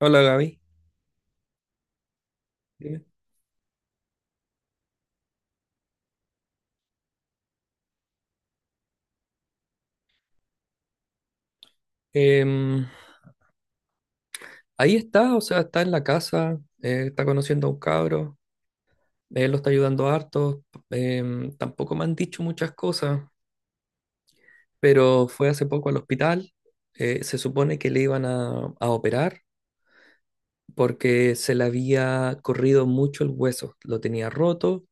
Hola Gaby. Dime. Em, Ahí está, o sea, está en la casa, está conociendo a un cabro, él lo está ayudando harto. Tampoco me han dicho muchas cosas, pero fue hace poco al hospital. Se supone que le iban a operar porque se le había corrido mucho el hueso, lo tenía roto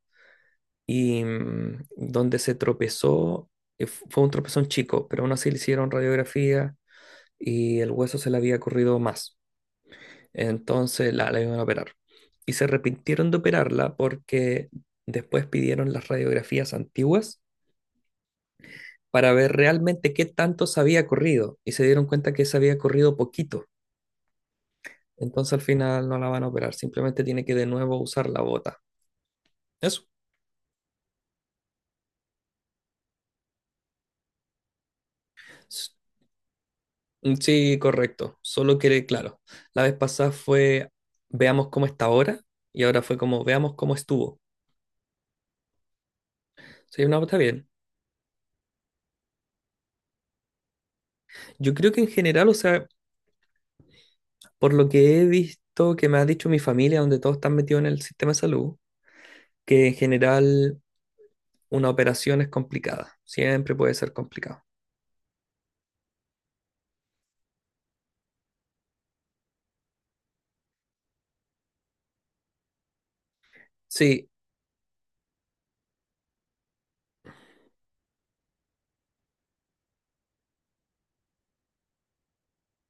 y donde se tropezó, fue un tropezón chico, pero aún así le hicieron radiografía y el hueso se le había corrido más. Entonces la iban a operar. Y se arrepintieron de operarla porque después pidieron las radiografías antiguas para ver realmente qué tanto se había corrido. Y se dieron cuenta que se había corrido poquito. Entonces al final no la van a operar. Simplemente tiene que de nuevo usar la bota. Eso. S- Sí, correcto. Solo que, claro, la vez pasada fue veamos cómo está ahora. Y ahora fue como veamos cómo estuvo. Sí, no, está bien. Yo creo que en general, o sea, por lo que he visto que me ha dicho mi familia, donde todos están metidos en el sistema de salud, que en general una operación es complicada. Siempre puede ser complicado. Sí.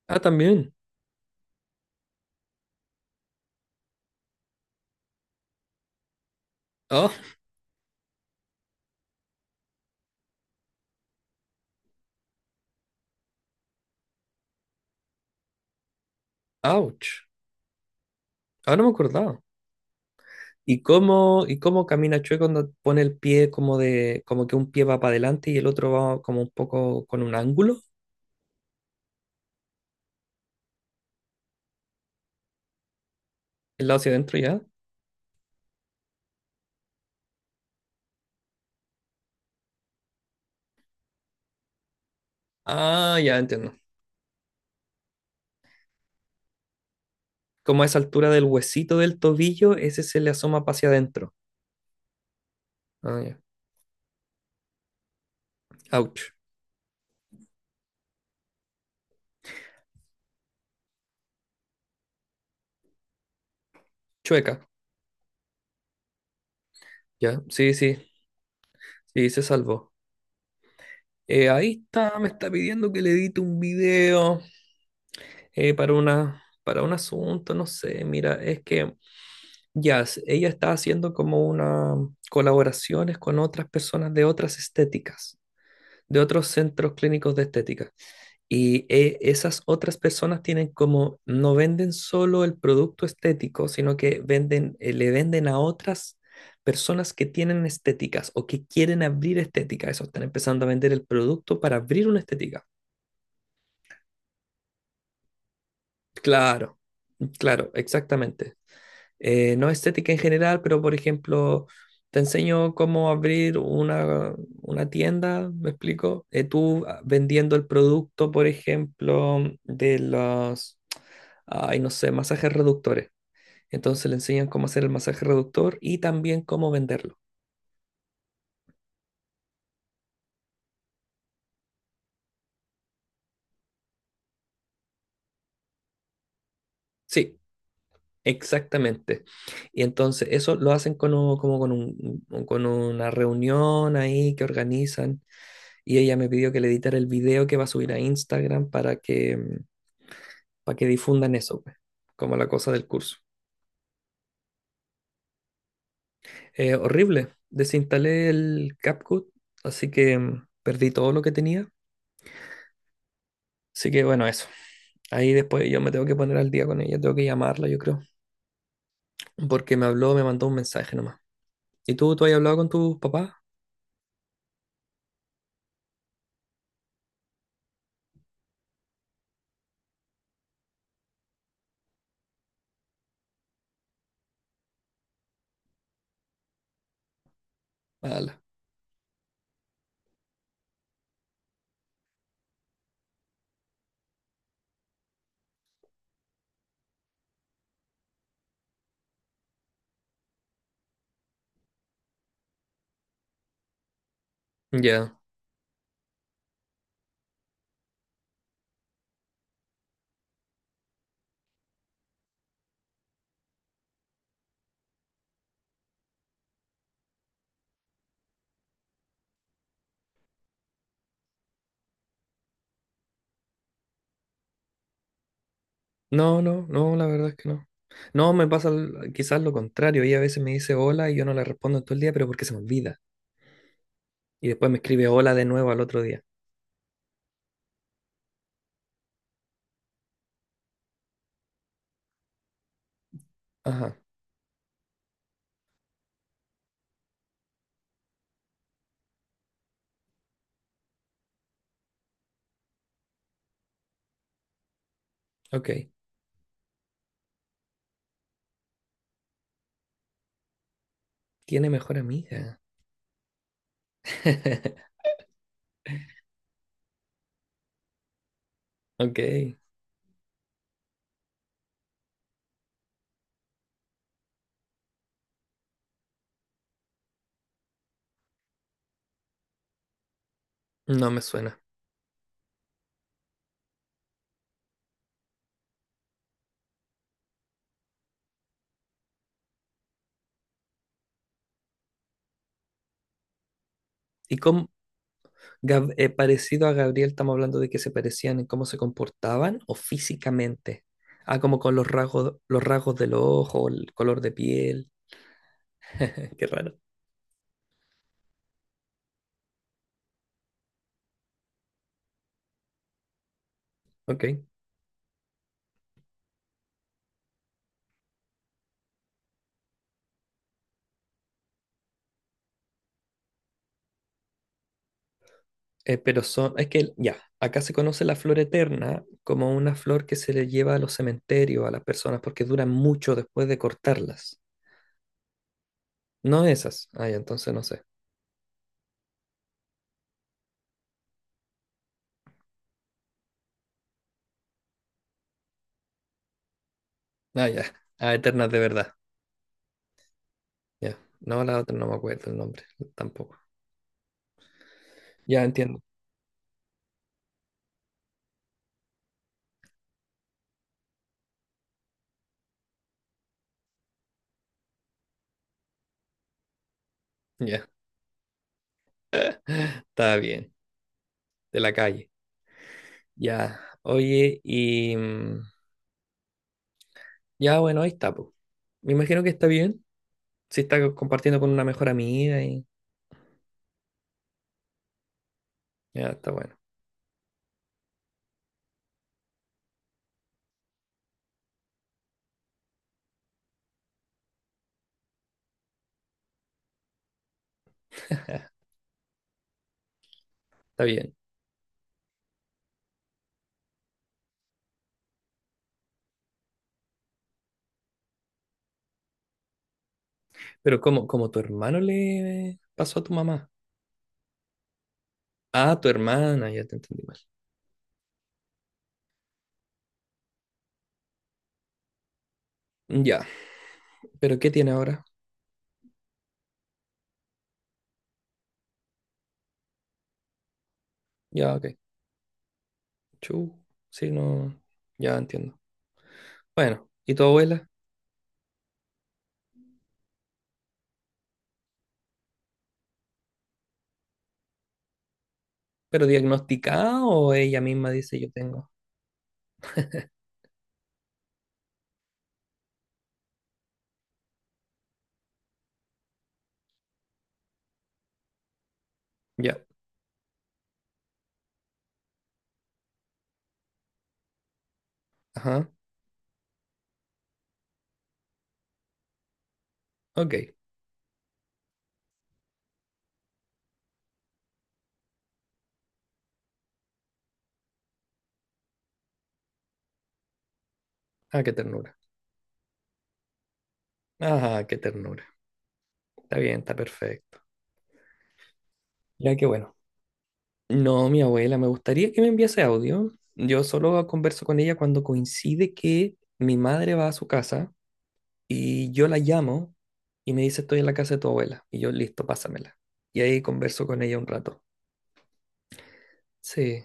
Ah, también. Oh, ouch. Ahora me acordaba. Y cómo camina Chue cuando pone el pie como de, como que un pie va para adelante y el otro va como un poco con un ángulo, el lado hacia adentro ya? Ah, ya entiendo. Como a esa altura del huesito del tobillo, ese se le asoma para hacia adentro. Ah, ya. Ouch. Chueca. Ya. Sí, sí. Sí, se salvó. Ahí está, me está pidiendo que le edite un video para una, para un asunto, no sé, mira, es que ya, ella está haciendo como una colaboraciones con otras personas de otras estéticas, de otros centros clínicos de estética. Y esas otras personas tienen como, no venden solo el producto estético, sino que venden, le venden a otras personas que tienen estéticas o que quieren abrir estética. Eso, están empezando a vender el producto para abrir una estética. Claro, claro, exactamente. No estética en general, pero por ejemplo, te enseño cómo abrir una tienda, ¿me explico? Tú vendiendo el producto, por ejemplo, de los, ay, no sé, masajes reductores. Entonces le enseñan cómo hacer el masaje reductor y también cómo venderlo. Sí, exactamente. Y entonces eso lo hacen con como con con una reunión ahí que organizan y ella me pidió que le editara el video que va a subir a Instagram para que difundan eso, pues, como la cosa del curso. Horrible, desinstalé el CapCut, así que perdí todo lo que tenía. Así que bueno, eso. Ahí después yo me tengo que poner al día con ella, tengo que llamarla, yo creo, porque me habló, me mandó un mensaje nomás. ¿Y tú has hablado con tus papás? Ala. Ya. No, no, no, la verdad es que no. No, me pasa quizás lo contrario. Ella a veces me dice hola y yo no le respondo en todo el día, pero porque se me olvida. Y después me escribe hola de nuevo al otro día. Ajá, ok. Tiene mejor amiga. Ok, no me suena. ¿Y cómo, parecido a Gabriel, estamos hablando de que se parecían en cómo se comportaban o físicamente? Ah, como con los rasgos del ojo, el color de piel. Qué raro. Ok. Pero son, es que ya, acá se conoce la flor eterna como una flor que se le lleva a los cementerios, a las personas, porque duran mucho después de cortarlas. No esas. Ah, ya, entonces no sé. Ah, ya. Ah, eternas de verdad. Ya. No, la otra no me acuerdo el nombre, tampoco. Ya entiendo. Ya, está bien, de la calle. Ya, oye, y ya bueno, ahí está, pues. Me imagino que está bien. Si está compartiendo con una mejor amiga y ya está bueno. Está bien. Pero ¿cómo, cómo tu hermano le pasó a tu mamá? Ah, tu hermana, ya te entendí mal. Mm, ya, pero ¿qué tiene ahora? Ya, ok. Chu, sí, no, ya entiendo. Bueno, ¿y tu abuela? ¿Pero diagnosticada o ella misma dice yo tengo? Ya, ajá, ok. Ah, qué ternura. Ah, qué ternura. Está bien, está perfecto. Ya que bueno. No, mi abuela, me gustaría que me enviase audio. Yo solo converso con ella cuando coincide que mi madre va a su casa y yo la llamo y me dice estoy en la casa de tu abuela. Y yo, listo, pásamela. Y ahí converso con ella un rato. Sí.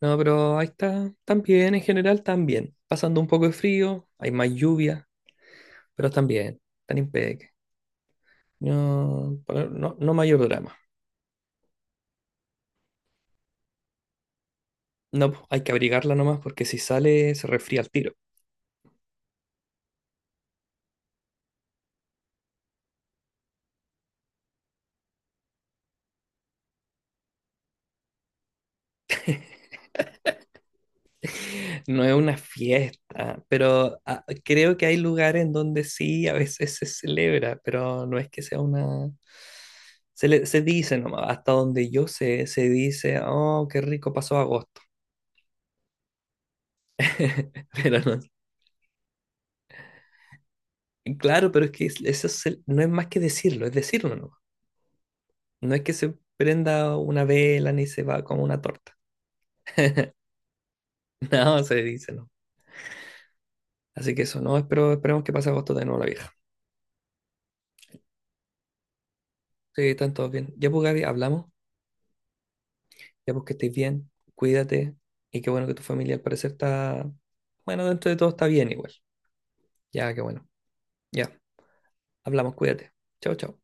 No, pero ahí está. Tan bien, en general, tan bien. Pasando un poco de frío, hay más lluvia, pero están bien, están impeque. No, pero no, no mayor drama. No, pues, hay que abrigarla nomás porque si sale se resfría al tiro. No es una fiesta, pero ah, creo que hay lugares en donde sí a veces se celebra, pero no es que sea una... se dice nomás, hasta donde yo sé, se dice, oh, qué rico pasó agosto. Pero no- claro, pero es que eso no es más que decirlo, es decirlo nomás. No es que se prenda una vela ni se va como una torta. No, se dice no. Así que eso, no, espero, esperemos que pase agosto de nuevo la vieja. Sí, están todos bien. Ya, pues, Gaby, hablamos. Ya pues que estés bien, cuídate y qué bueno que tu familia al parecer está, bueno, dentro de todo está bien igual. Ya, qué bueno. Ya, hablamos, cuídate. Chao, chao.